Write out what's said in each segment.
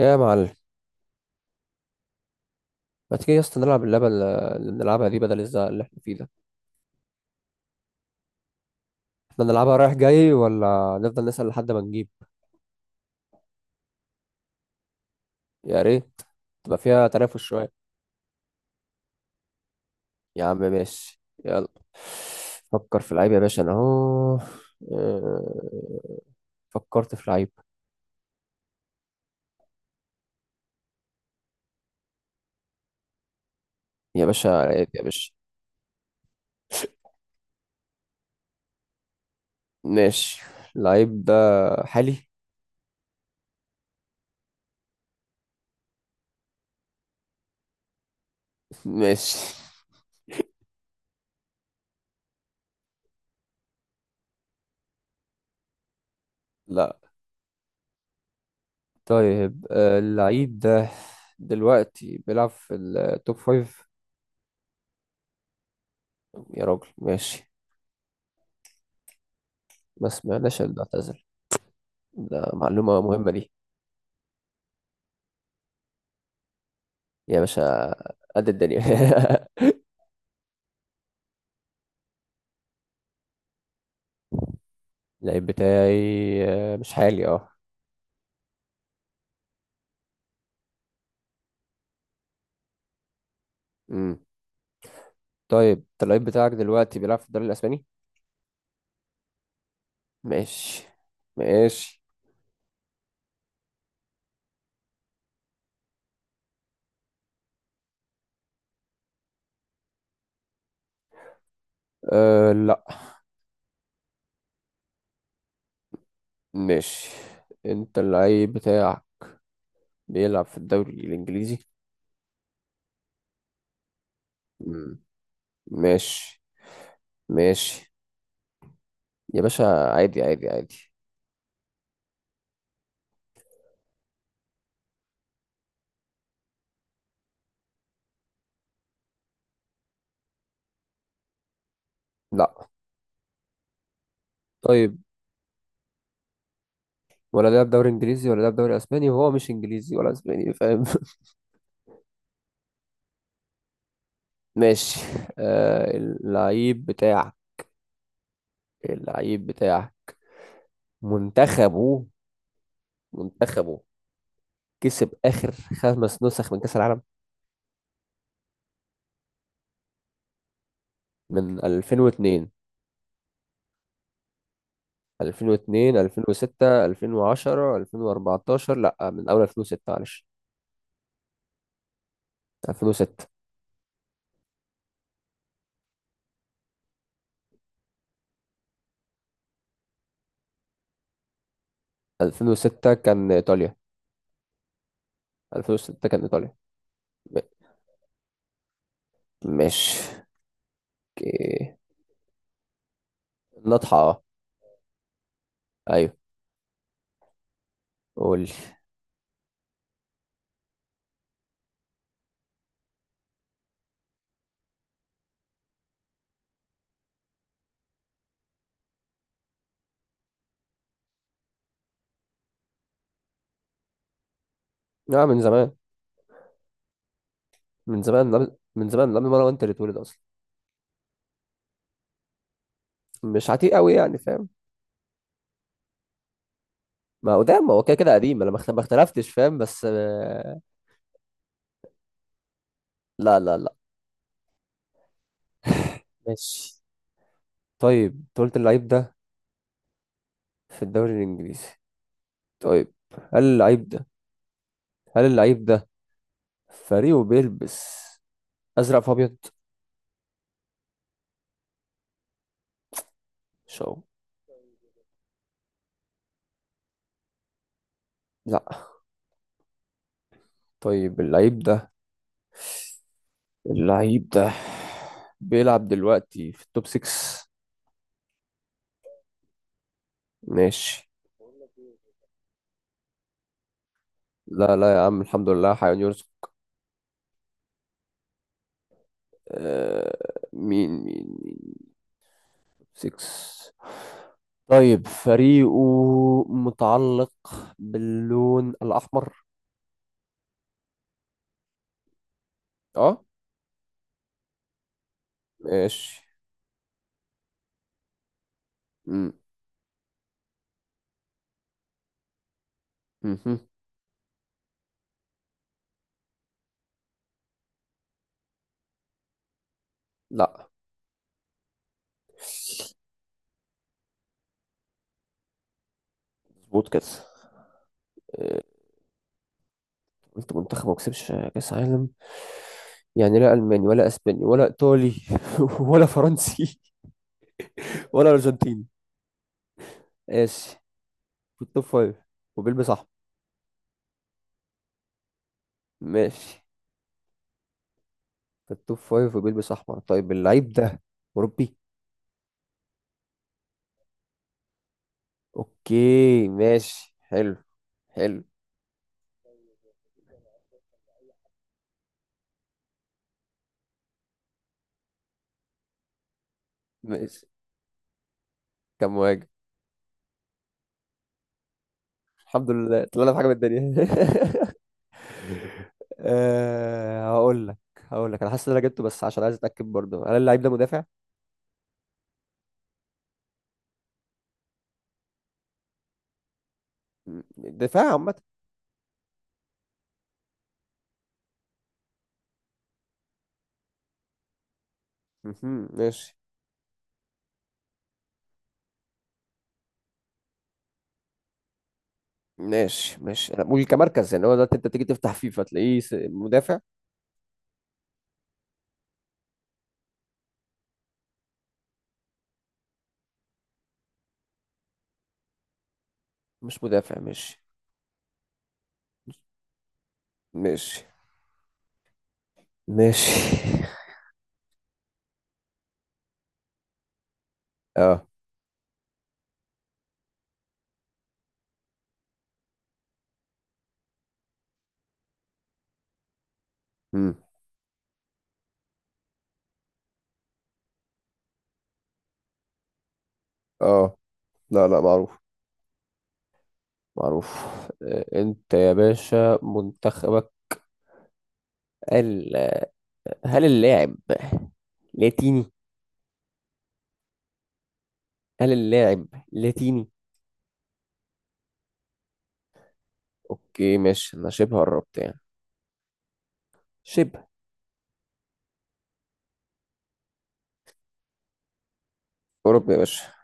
يا معلم، ما تيجي يا اسطى نلعب اللعبة اللي بنلعبها دي بدل الزهق اللي احنا فيه ده؟ احنا نلعبها رايح جاي ولا نفضل نسأل لحد ما نجيب؟ يا ريت، تبقى فيها تنافس شوية. يا عم ماشي، يلا. فكر في لعيب يا باشا، انا اهو. اه، فكرت في لعيب. يا باشا لعيب يا باشا. ماشي. اللعيب ده حالي؟ ماشي. لا. طيب اللعيب ده دلوقتي بيلعب في التوب فايف؟ يا راجل ماشي. ما سمعناش اللي اعتزل. ده معلومة مهمة دي. يا باشا قد الدنيا. اللعيب بتاعي مش حالي اه. امم. طيب، انت اللعيب بتاعك دلوقتي بيلعب في الدوري الاسباني؟ ماشي. ماشي. أه، لا. ماشي. انت اللعيب بتاعك بيلعب في الدوري الانجليزي؟ مم. ماشي. ماشي. يا باشا، عادي عادي عادي. لا. طيب، ولا لعب دوري انجليزي ولا لعب دوري اسباني وهو مش انجليزي ولا اسباني، فاهم؟ ماشي. أه، اللعيب بتاع منتخبه منتخبه كسب آخر 5 نسخ من كأس العالم. من 2002. 2002 2006 2010 2014، لا، من أول 2006 معلش. 2006. 2006 كان إيطاليا. 2006 كان إيطاليا. م- مش. اوكي. نضحى اه. ايوه. قول لي. لا، من زمان. من زمان لما انا وانت اللي اتولد اصلا. مش عتيق قوي يعني، فاهم؟ ما قدام هو كده كده قديم، انا ما اختلفتش فاهم بس. لا لا لا. ماشي. طيب، انت قلت اللعيب ده في الدوري الانجليزي. طيب، هل اللعيب ده هل اللعيب ده فريقه بيلبس ازرق في ابيض؟ شو. لا. طيب، اللعيب ده بيلعب دلوقتي في التوب 6؟ ماشي. لا لا يا عم، الحمد لله حيوان يرزق. آه. مين مين مين؟ 6. طيب، فريقه متعلق باللون الأحمر؟ اه. ماشي. مم. مهم. لا، مظبوط كده آه، قلت منتخب ما كسبش كأس عالم، يعني لا ألماني ولا أسباني ولا إيطالي ولا فرنسي ولا أرجنتيني. ماشي. في التوب فايف وبيلبس أحمر. ماشي. في التوب فايف وبيلبس أحمر، طيب اللعيب ده أوروبي؟ أوكي ماشي. حلو. حلو. ماشي. كم مهاجم! الحمد لله طلعنا في حاجة من الدنيا. أه، هقول لك انا حاسس ان انا جبته، بس عشان عايز اتاكد برضه، هل اللعيب ده مدافع؟ مم، دفاع عامه. مهم، ماشي. ماشي. ماشي. انا بقول كمركز يعني هو ده انت تيجي تفتح فيه فتلاقيه س- مدافع مش مدافع ماشي ماشي ماشي اه. مم. اه. لا، لا معروف. معروف. انت يا باشا منتخبك ال، هل اللاعب لاتيني هل اللاعب لاتيني؟ اوكي ماشي. انا شبه قربت يعني. شبه. اوروبي يا باشا.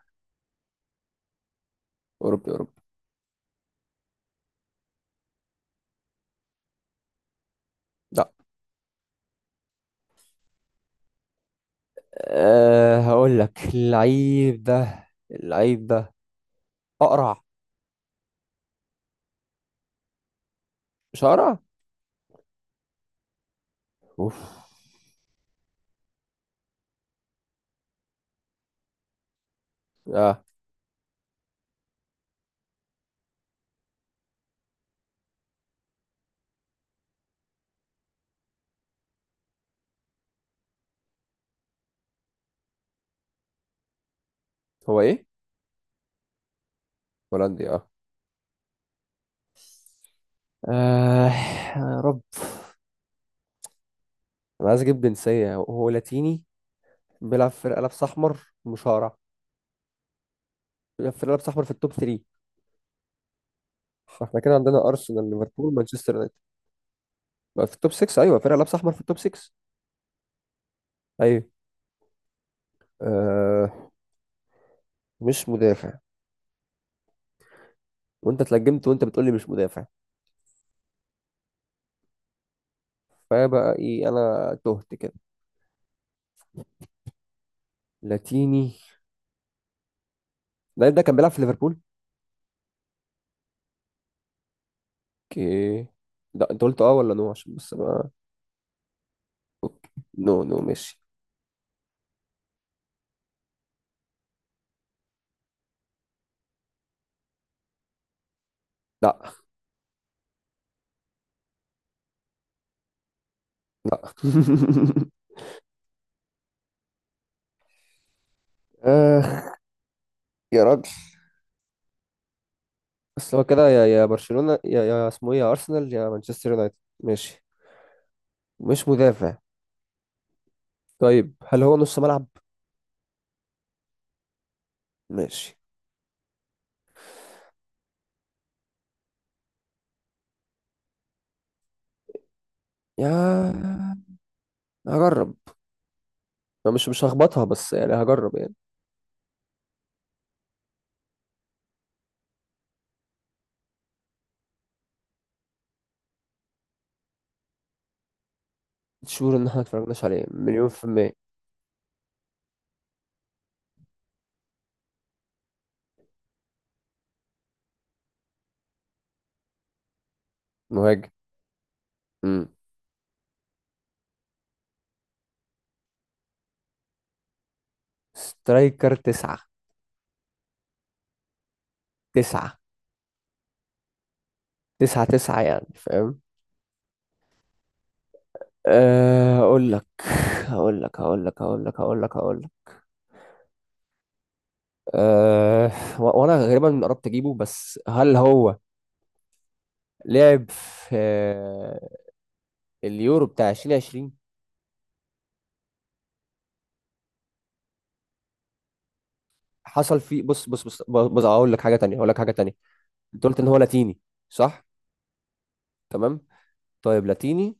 اوروبي. اوروبي. لا. أه، هقول لك، اللعيب ده اقرع؟ مش اقرع؟ اوف. اه. هو ايه، هولندي؟ اه. آه. يا رب. انا عايز اجيب جنسية. هو لاتيني، بيلعب في لابس احمر، مش هقرع، بيلعب في لابس احمر في التوب 3. فاحنا كده عندنا ارسنال، ليفربول، مانشستر يونايتد. بقى في التوب 6، ايوه، فرقة لابس احمر في التوب 6. ايوه. آه. مش مدافع. وانت اتلجمت وانت بتقول لي مش مدافع، فبقى ايه، انا تهت كده. لاتيني. اللعيب ده كان بيلعب في ليفربول؟ اوكي. لا، انت قلت اه ولا نو؟ عشان بس ما. اوكي. نو نو. ماشي. لا. لا. آه يا راجل. بس هو كده، يا برشلونة، يا اسمه ايه، يا ارسنال يا مانشستر يونايتد. ماشي. مش مدافع. طيب هل هو نص ملعب؟ ماشي. يا. هجرب. ما مش هخبطها بس يعني، هجرب يعني. شور ان احنا متفرجناش عليه مليون في المية. مهاجم. امم. سترايكر تسعة. تسعة تسعة تسعة يعني، فاهم. اقول لك اقول لك اقول لك اقول لك اقول لك اقول لك. أه، وانا غالبا قربت اجيبه، بس هل هو لعب في اليورو بتاع 2020؟ حصل فيه. بص بص بص بص، بص، اقول لك حاجه تانية، اقول لك حاجه تانية. انت قلت ان هو لاتيني، صح؟ تمام. طيب لاتيني،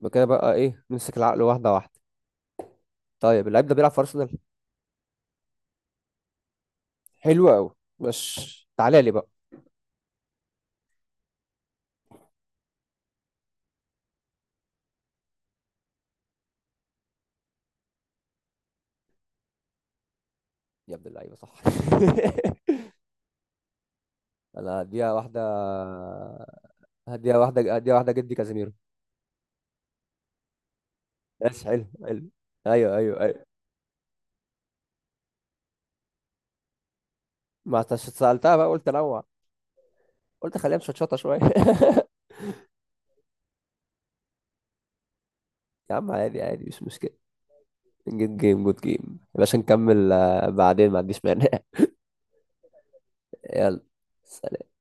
يبقى كده بقى ايه، نمسك العقل واحده واحده. طيب، اللعيب ده بيلعب في ارسنال؟ حلو قوي. مش تعالى لي بقى. يا ابن اللعيبه، صح! انا هديها واحده، هديها واحده، هديها واحده جدي، كازيميرو. بس حلو حلو. ايوه ايوه ايوه. ما أنت سالتها بقى، قلت انوع، قلت خليها مشطشطه شويه. يا عم عادي عادي، مش مشكله. جود جيم، جود جيم يا باشا. نكمل بعدين، ما عنديش مانع. يلا. سلام.